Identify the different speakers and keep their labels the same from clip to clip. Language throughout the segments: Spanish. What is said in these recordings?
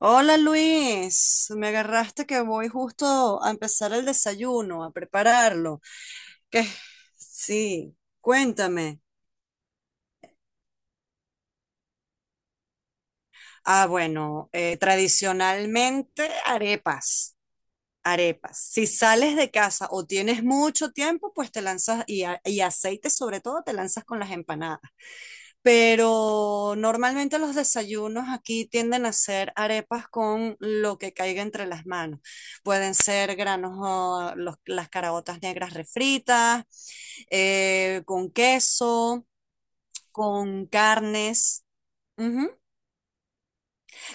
Speaker 1: Hola Luis, me agarraste que voy justo a empezar el desayuno, a prepararlo. ¿Qué? Sí, cuéntame. Ah, bueno, tradicionalmente arepas, arepas. Si sales de casa o tienes mucho tiempo, pues te lanzas y aceite sobre todo, te lanzas con las empanadas. Pero normalmente los desayunos aquí tienden a ser arepas con lo que caiga entre las manos. Pueden ser granos, las caraotas negras refritas, con queso, con carnes. Ujú.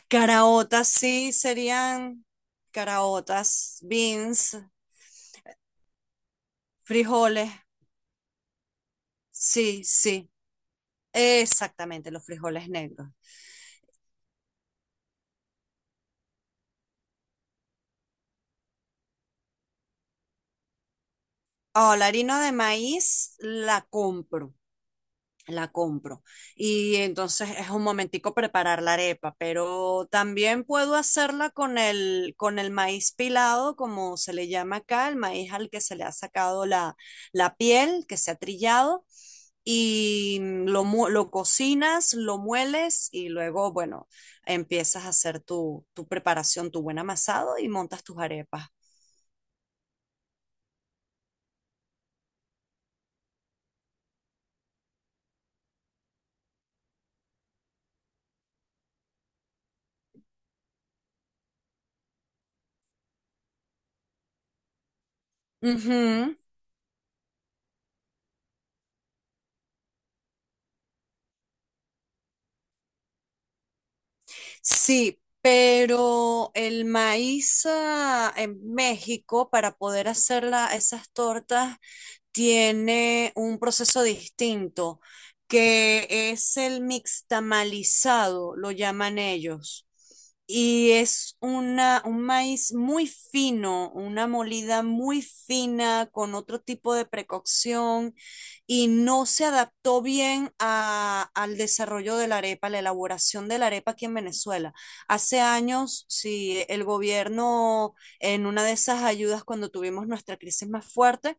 Speaker 1: Caraotas sí serían caraotas, beans, frijoles. Sí, sí, exactamente, los frijoles negros. Oh, la harina de maíz la compro. La compro. Y entonces es un momentico preparar la arepa, pero también puedo hacerla con con el maíz pilado, como se le llama acá, el maíz al que se le ha sacado la piel, que se ha trillado, y lo cocinas, lo mueles y luego, bueno, empiezas a hacer tu preparación, tu buen amasado y montas tus arepas. Ujú. Sí, pero el maíz en México, para poder hacer esas tortas, tiene un proceso distinto, que es el mixtamalizado, lo llaman ellos. Y es un maíz muy fino, una molida muy fina con otro tipo de precocción y no se adaptó bien al desarrollo de la arepa, la elaboración de la arepa aquí en Venezuela. Hace años, si el gobierno en una de esas ayudas cuando tuvimos nuestra crisis más fuerte,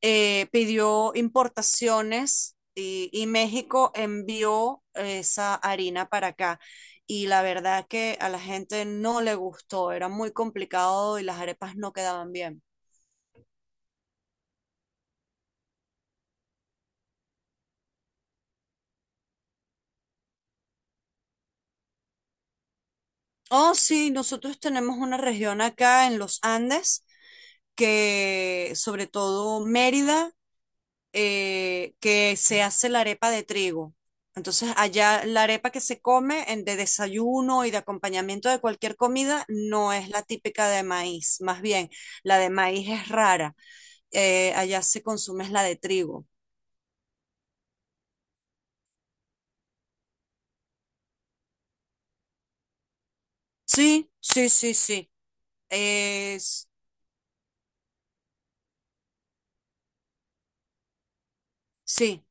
Speaker 1: pidió importaciones y México envió esa harina para acá. Y la verdad que a la gente no le gustó, era muy complicado y las arepas no quedaban bien. Oh, sí, nosotros tenemos una región acá en los Andes que sobre todo Mérida que se hace la arepa de trigo. Entonces, allá la arepa que se come de desayuno y de acompañamiento de cualquier comida no es la típica de maíz, más bien la de maíz es rara. Allá se consume es la de trigo. Sí, sí, sí, sí. Es, sí.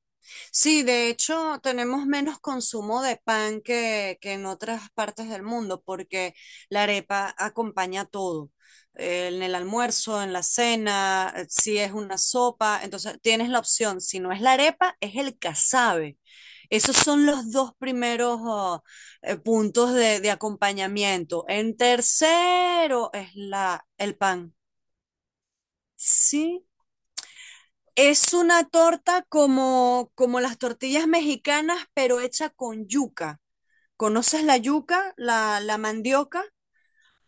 Speaker 1: Sí, de hecho, tenemos menos consumo de pan que en otras partes del mundo, porque la arepa acompaña todo. En el almuerzo, en la cena, si es una sopa, entonces tienes la opción. Si no es la arepa, es el casabe. Esos son los dos primeros oh, puntos de acompañamiento. En tercero es el pan. Sí. Es una torta como las tortillas mexicanas, pero hecha con yuca. ¿Conoces la yuca, la mandioca?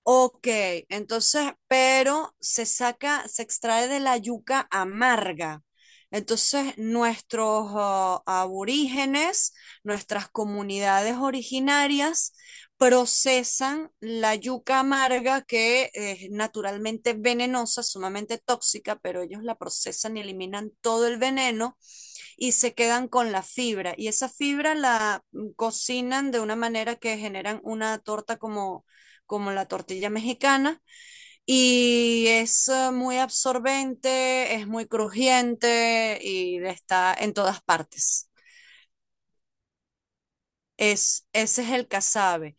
Speaker 1: Ok, entonces, pero se saca, se extrae de la yuca amarga. Entonces, nuestros aborígenes, nuestras comunidades originarias, procesan la yuca amarga que es naturalmente venenosa, sumamente tóxica, pero ellos la procesan y eliminan todo el veneno y se quedan con la fibra. Y esa fibra la cocinan de una manera que generan una torta como, como la tortilla mexicana y es muy absorbente, es muy crujiente y está en todas partes. Es, ese es el casabe.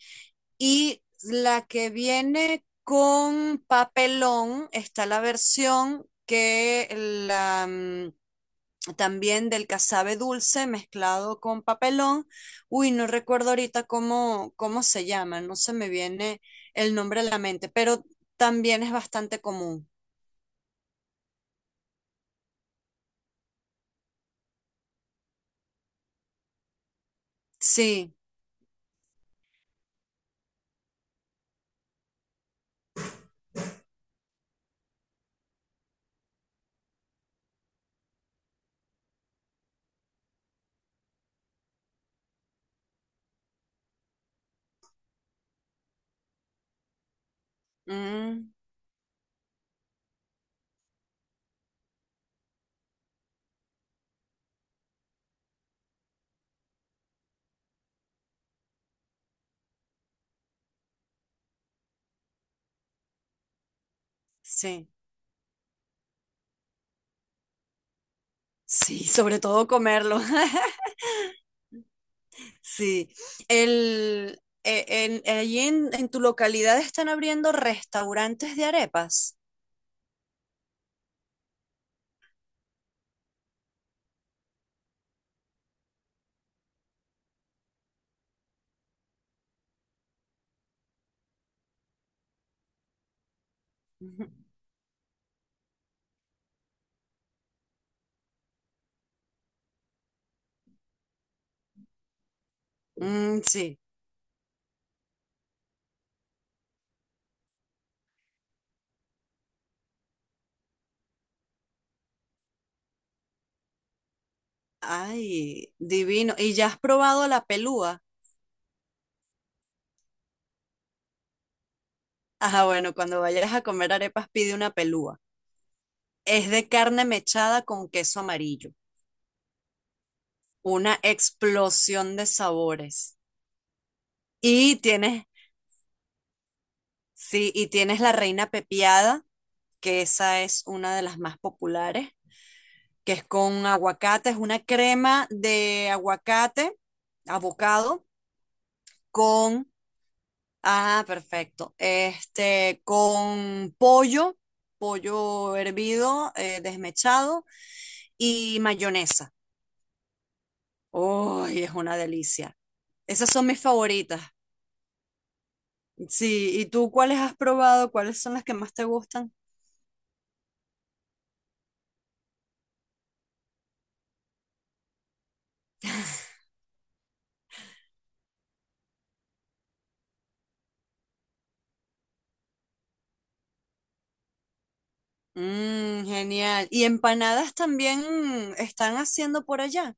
Speaker 1: Y la que viene con papelón está la versión que la, mm, también del casabe dulce mezclado con papelón. Uy, no recuerdo ahorita cómo, cómo se llama, no se me viene el nombre a la mente, pero también es bastante común. Sí, mm, sí, sí, sobre todo comerlo. Sí, allí en tu localidad están abriendo restaurantes de arepas. Ujú. Mm, sí, ay, divino. ¿Y ya has probado la pelúa? Ajá, bueno, cuando vayas a comer arepas, pide una pelúa. Es de carne mechada con queso amarillo. Una explosión de sabores. Y tienes, sí, y tienes la reina pepiada, que esa es una de las más populares, que es con aguacate, es una crema de aguacate, avocado, con, ah, perfecto, este, con pollo, pollo hervido, desmechado y mayonesa. Uy, es una delicia. Esas son mis favoritas. Sí, ¿y tú cuáles has probado? ¿Cuáles son las que más te gustan? Mm, genial. ¿Y empanadas también están haciendo por allá?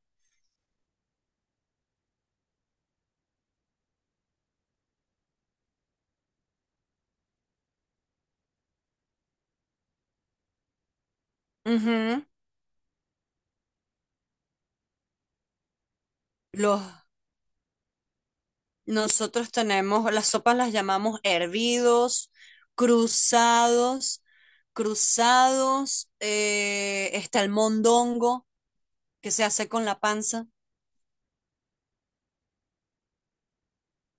Speaker 1: Ujú. Los, nosotros tenemos, las sopas las llamamos hervidos, cruzados, cruzados, está el mondongo que se hace con la panza,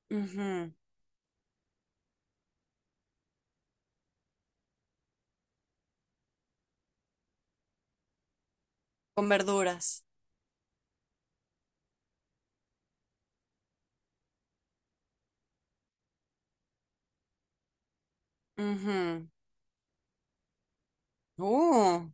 Speaker 1: ujú, con verduras. Ujú. Uh,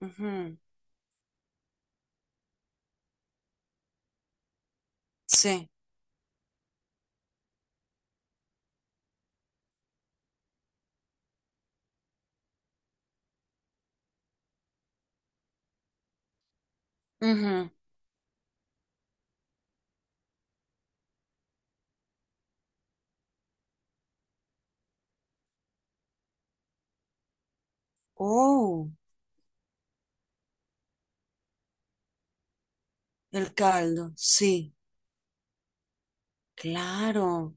Speaker 1: ujú, sí. Ujú. Oh, el caldo, sí, claro,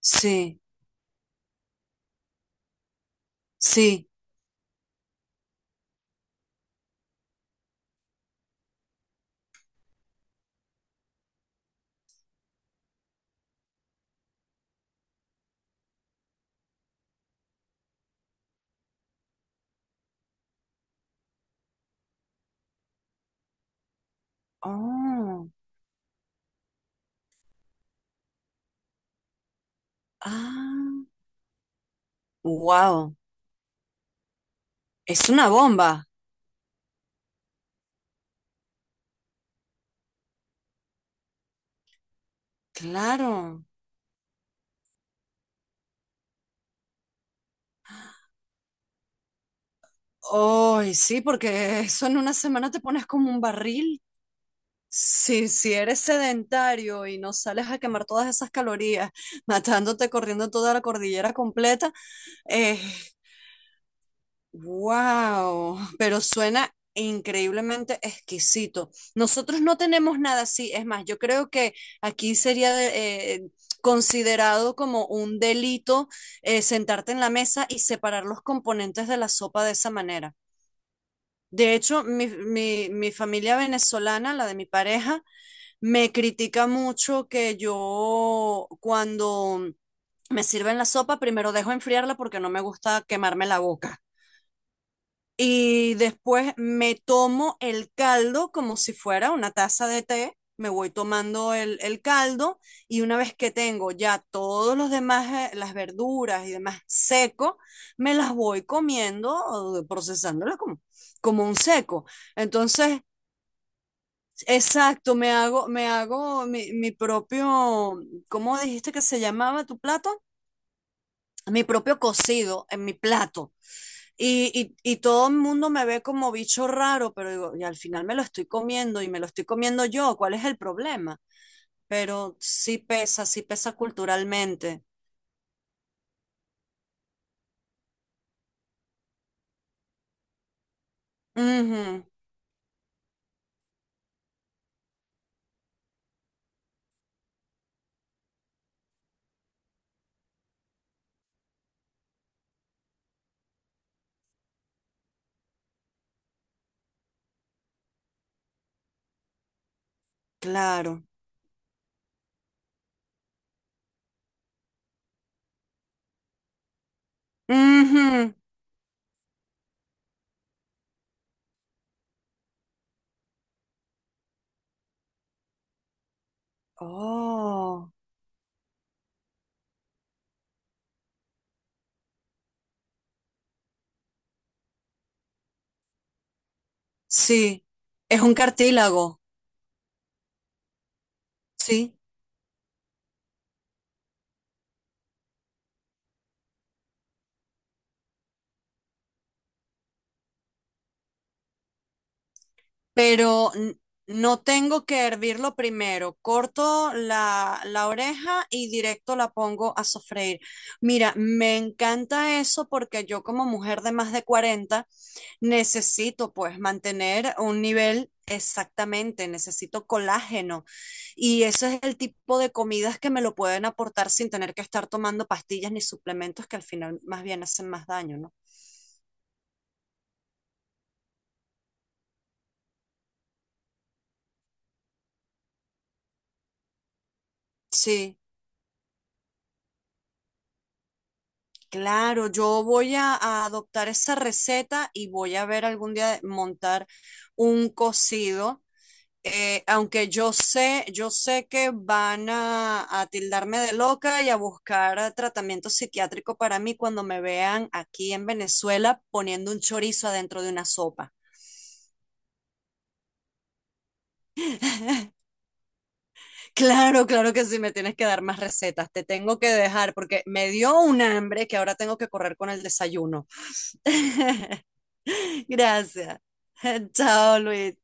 Speaker 1: sí, sí. Oh, ah, wow, es una bomba, claro. Ay, sí, porque eso en una semana te pones como un barril. Sí, si eres sedentario y no sales a quemar todas esas calorías, matándote corriendo toda la cordillera completa, eh, wow, pero suena increíblemente exquisito. Nosotros no tenemos nada así, es más, yo creo que aquí sería considerado como un delito sentarte en la mesa y separar los componentes de la sopa de esa manera. De hecho, mi familia venezolana, la de mi pareja, me critica mucho que yo cuando me sirven la sopa, primero dejo enfriarla porque no me gusta quemarme la boca. Y después me tomo el caldo como si fuera una taza de té. Me voy tomando el caldo y una vez que tengo ya todos los demás, las verduras y demás seco, me las voy comiendo, procesándolas como, como un seco. Entonces, exacto, me hago mi propio, ¿cómo dijiste que se llamaba tu plato? Mi propio cocido en mi plato. Y todo el mundo me ve como bicho raro, pero digo, y al final me lo estoy comiendo y me lo estoy comiendo yo, ¿cuál es el problema? Pero sí pesa culturalmente. Ujú, claro. Ujú. Oh, sí, es un cartílago, sí. pero n- no tengo que hervirlo primero. Corto la oreja y directo la pongo a sofreír. Mira, me encanta eso porque yo como mujer de más de 40 necesito pues mantener un nivel. Exactamente, necesito colágeno y ese es el tipo de comidas que me lo pueden aportar sin tener que estar tomando pastillas ni suplementos que al final más bien hacen más daño, ¿no? Sí. Claro, yo voy a adoptar esa receta y voy a ver algún día montar un cocido, aunque yo sé que van a tildarme de loca y a buscar tratamiento psiquiátrico para mí cuando me vean aquí en Venezuela poniendo un chorizo adentro de una sopa. Claro, claro que sí, me tienes que dar más recetas, te tengo que dejar porque me dio un hambre que ahora tengo que correr con el desayuno. Gracias. Chao, Luis.